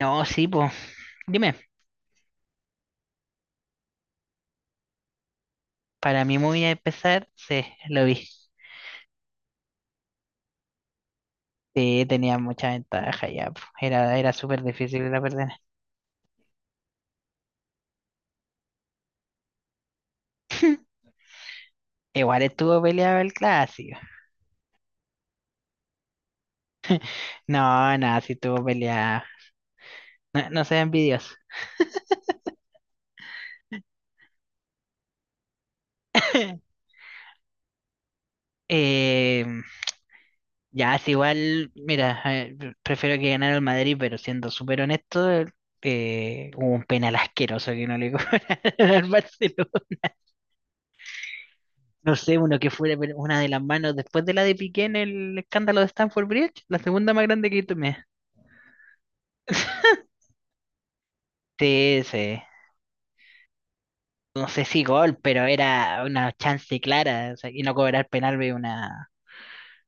No, sí, pues. Dime, para mí muy movida empezar, sí, lo vi. Sí, tenía mucha ventaja ya, po. Era súper difícil la perder. Igual estuvo peleado el clásico. No, no, sí estuvo peleado. No, no sean envidiosos. Eh, ya, es igual, mira, prefiero que ganara el Madrid, pero siendo súper honesto, hubo un penal asqueroso que no le cobraron al Barcelona. No sé, uno que fuera pero una de las manos después de la de Piqué en el escándalo de Stanford Bridge, la segunda más grande que tomé. Sí, ese, no sé si gol, pero era una chance clara, o sea, y no cobrar penal ve una...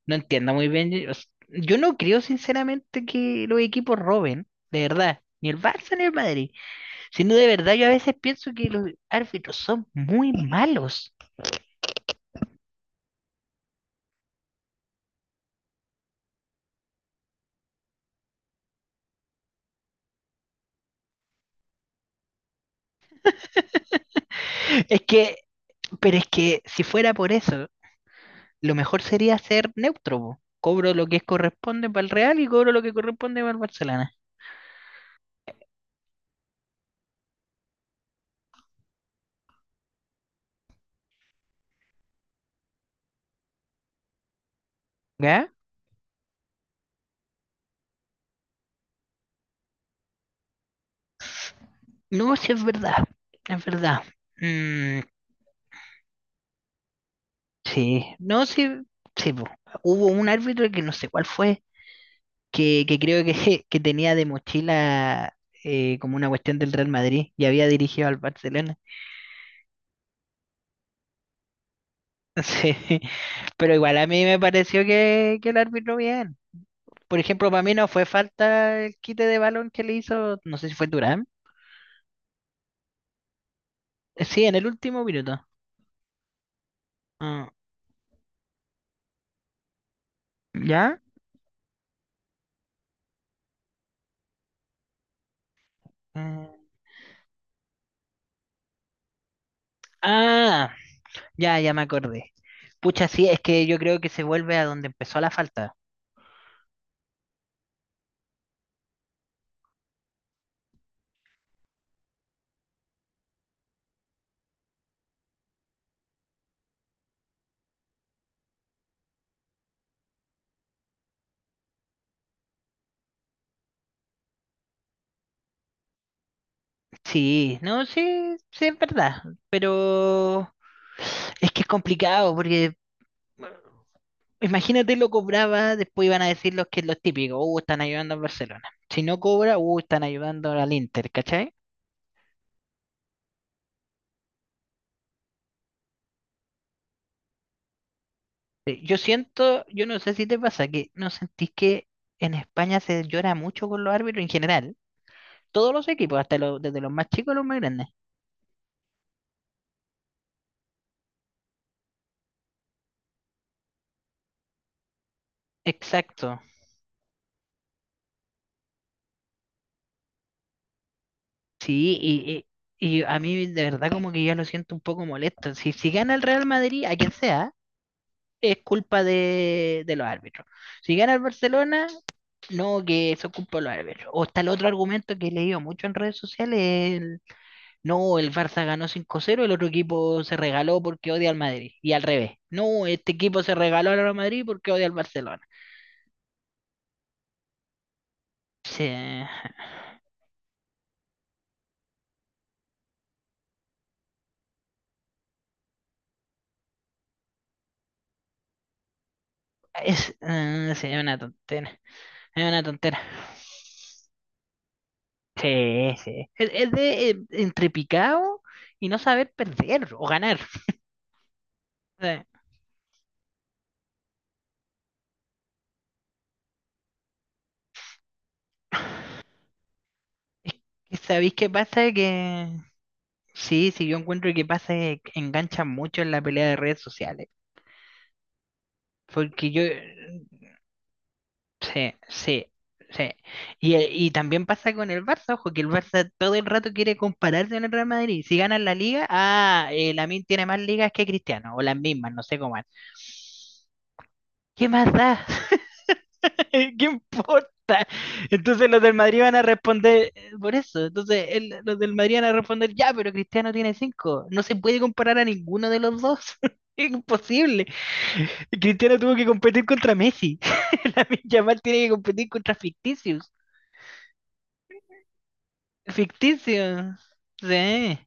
No entiendo muy bien, yo no creo sinceramente que los equipos roben, de verdad, ni el Barça ni el Madrid, sino de verdad yo a veces pienso que los árbitros son muy malos. Es que, pero es que si fuera por eso, lo mejor sería ser neutro, po. Cobro lo que corresponde para el Real y cobro lo que corresponde para el Barcelona. ¿Ya? No, sí es verdad, es verdad. Mm, sí, no, sí, sí, po. Hubo un árbitro que no sé cuál fue, que creo que, que tenía de mochila como una cuestión del Real Madrid y había dirigido al Barcelona. Sí, pero igual a mí me pareció que el árbitro bien. Por ejemplo, para mí no fue falta el quite de balón que le hizo, no sé si fue Durán. Sí, en el último minuto. Ah, ¿Ya? ah, ah, ya, ya me acordé. Pucha, sí, es que yo creo que se vuelve a donde empezó la falta. Sí, no, sí, sí, es verdad. Pero es que es complicado porque imagínate lo cobraba, después iban a decir los que los típicos, están ayudando al Barcelona. Si no cobra, están ayudando al Inter, ¿cachai? Yo siento, yo no sé si te pasa, que no sentís que en España se llora mucho con los árbitros en general. Todos los equipos, hasta los, desde los más chicos a los más grandes. Exacto. Sí, y a mí de verdad como que ya lo siento un poco molesto. Si gana el Real Madrid, a quien sea, es culpa de los árbitros. Si gana el Barcelona, no, que eso es culpa de los árbitros. O está el otro argumento que he leído mucho en redes sociales, el, no, el Barça ganó 5-0, el otro equipo se regaló porque odia al Madrid. Y al revés, no, este equipo se regaló al Real Madrid porque odia al Barcelona. Sí, sí, es una tontera. Es una tontera. Sí, sí. Es de entre picado y no saber perder o ganar. O sea, es que ¿sabéis qué pasa? Que sí, sí, yo encuentro que pasa que enganchan mucho en la pelea de redes sociales. Porque yo, sí, sí, sí. Y también pasa con el Barça, ojo, que el Barça todo el rato quiere compararse con el Real Madrid. Si ganan la liga, Lamine tiene más ligas que Cristiano, o las mismas, no sé cómo es. ¿Qué más da? ¿Qué importa? Entonces los del Madrid van a responder por eso. Entonces los del Madrid van a responder, ya, pero Cristiano tiene cinco. No se puede comparar a ninguno de los dos. Es imposible. Cristiano tuvo que competir contra Messi. Lamine Yamal tiene que competir contra ficticios. Ficticios. Sí.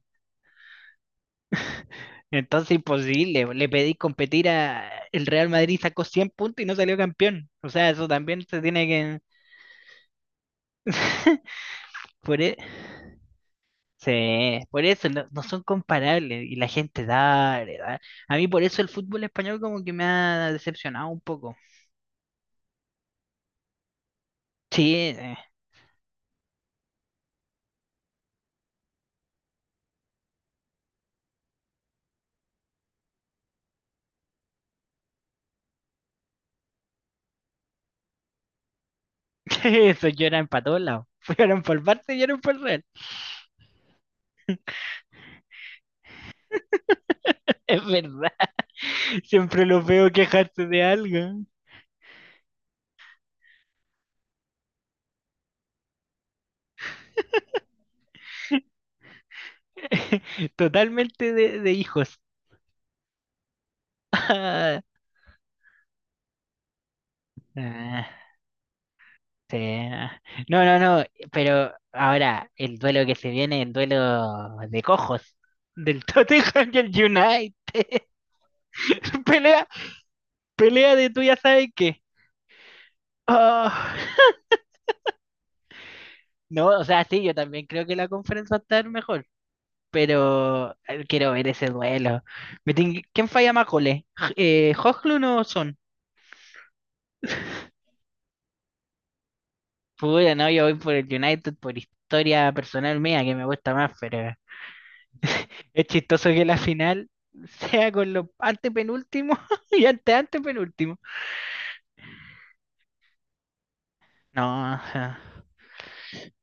Entonces imposible. Le pedí competir a... El Real Madrid sacó 100 puntos y no salió campeón. O sea, eso también se tiene que... Por e- Sí, por eso no son comparables y la gente da, a mí por eso el fútbol español como que me ha decepcionado un poco. Sí, eso lloran para todos lados. Lloran por el Barça y lloran por el Real. Es verdad. Siempre los veo quejarse de algo. Totalmente de hijos. Ah, sí. No, no, no. Pero ahora el duelo que se viene, el duelo de cojos del Tottenham y el United. Pelea, pelea de tú ya sabes qué. Ah, no, o sea, sí, yo también creo que la conferencia va a estar mejor, pero quiero ver ese duelo. ¿Quién falla más goles? ¿Hojlund o Son? Puta, no, yo voy por el United por historia personal mía que me gusta más, pero es chistoso que la final sea con los antepenúltimos y antepenúltimos. No, o sea.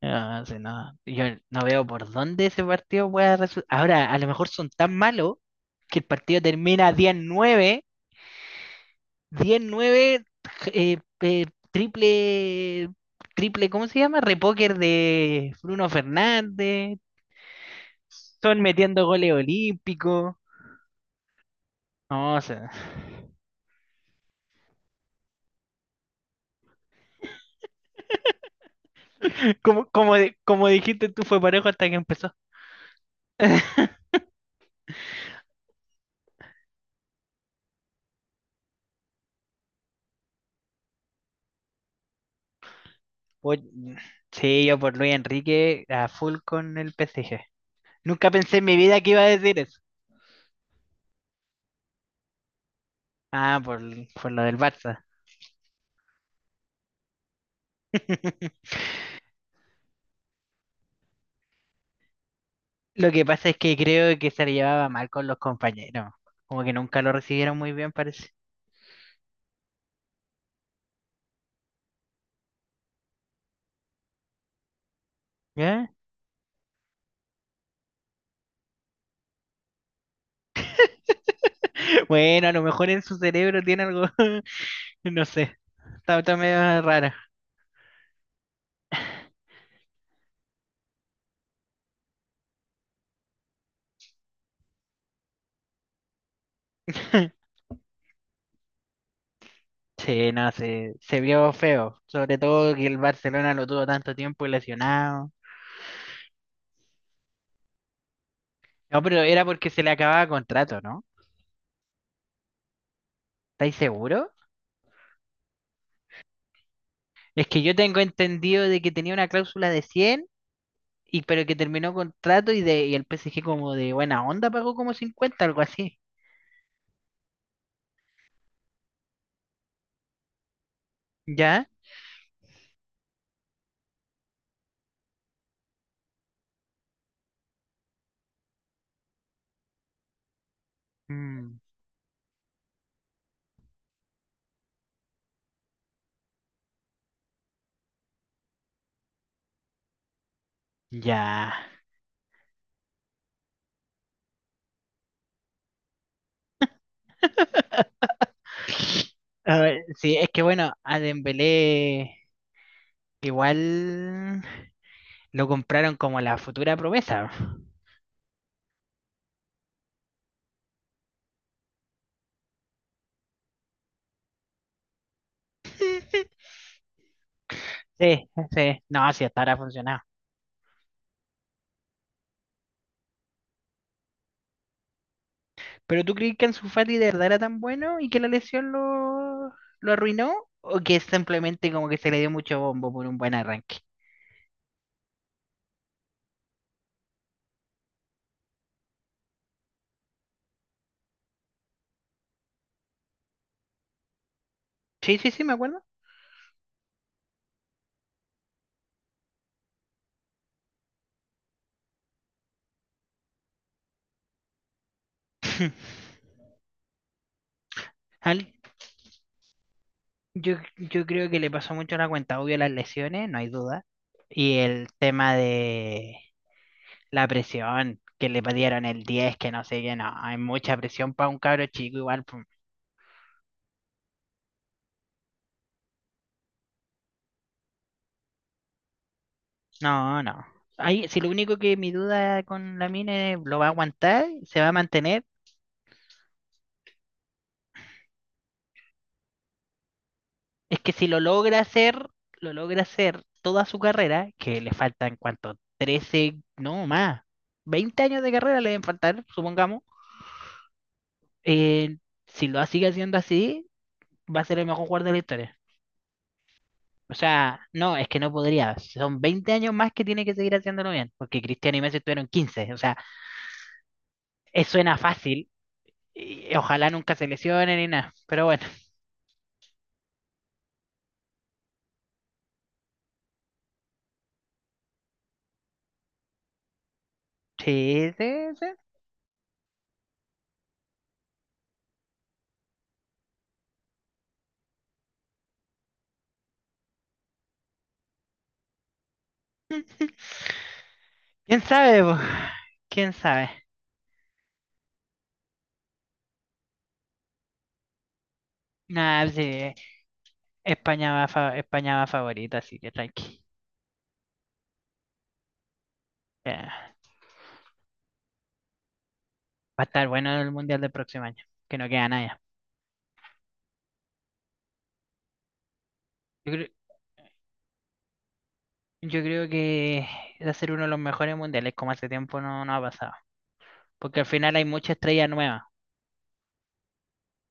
Ah, sí, no. Yo no veo por dónde ese partido pueda resultar. Ahora, a lo mejor son tan malos que el partido termina diez nueve eh, eh, triple, triple, ¿cómo se llama? Repóker de Bruno Fernández. Son metiendo goles olímpicos. No, o sea, como dijiste tú, fue parejo hasta que empezó. Oye, sí, yo por Luis Enrique a full con el PSG. Nunca pensé en mi vida que iba a decir eso. Ah, por lo del Barça. Lo que pasa es que creo que se le llevaba mal con los compañeros. Como que nunca lo recibieron muy bien, parece. ¿Ya? Bueno, a lo mejor en su cerebro tiene algo, no sé. Está medio rara. Sí, no, se vio feo. Sobre todo que el Barcelona lo tuvo tanto tiempo lesionado. No, pero era porque se le acababa contrato, ¿no? ¿Estáis seguro? Es que yo tengo entendido de que tenía una cláusula de 100. Y pero que terminó contrato y de y el PSG como de buena onda pagó como 50 algo así. ¿Ya? Mm, ya. A ver, sí, es que bueno, a Dembélé igual lo compraron como la futura promesa. Sí, sí, no, sí, hasta ahora ha funcionado. ¿Pero tú crees que Ansu Fati de verdad era tan bueno y que la lesión lo arruinó? ¿O que simplemente como que se le dio mucho bombo por un buen arranque? Sí, sí, sí, me acuerdo. Al- yo creo que le pasó mucho la cuenta, obvio las lesiones, no hay duda. Y el tema de la presión, que le dieron el 10 que no sé qué, no, hay mucha presión para un cabro chico igual. Pum. No, no. Ahí, si lo único que mi duda con la mina es, lo va a aguantar, se va a mantener, es que si lo logra hacer, lo logra hacer toda su carrera, que le faltan cuánto, 13 no más, 20 años de carrera le deben faltar, supongamos. eh, si lo sigue haciendo así, va a ser el mejor jugador de la historia. O sea, no, es que no podría. Son 20 años más que tiene que seguir haciéndolo bien, porque Cristiano y Messi estuvieron 15. O sea, eso suena fácil. Y ojalá nunca se lesionen ni nada. Pero bueno, sí, sí, sí. ¿Quién sabe, po? ¿Quién sabe? Nada, sí, España va favorita, así que tranqui. Eh, va a estar bueno el Mundial del próximo año, que no queda nada. Yo creo, yo creo que va a ser uno de los mejores mundiales, como hace tiempo no ha pasado. Porque al final hay mucha estrella nueva.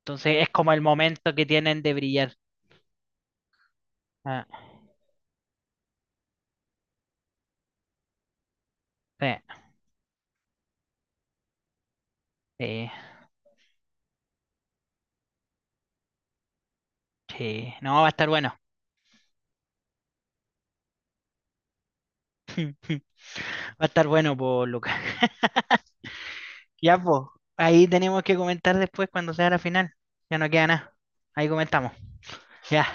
Entonces es como el momento que tienen de brillar. Ah, sí, sí, sí. No, va a estar bueno. Va a estar bueno, pues, Lucas. Ya, pues, ahí tenemos que comentar después cuando sea la final. Ya no queda nada. Ahí comentamos. Ya.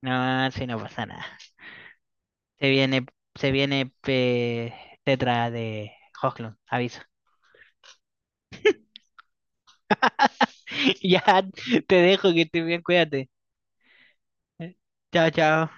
No, si no pasa nada. Se viene, se viene Tetra de Hoglund, aviso. Ya, te dejo que estés bien, cuídate. Chao, chao.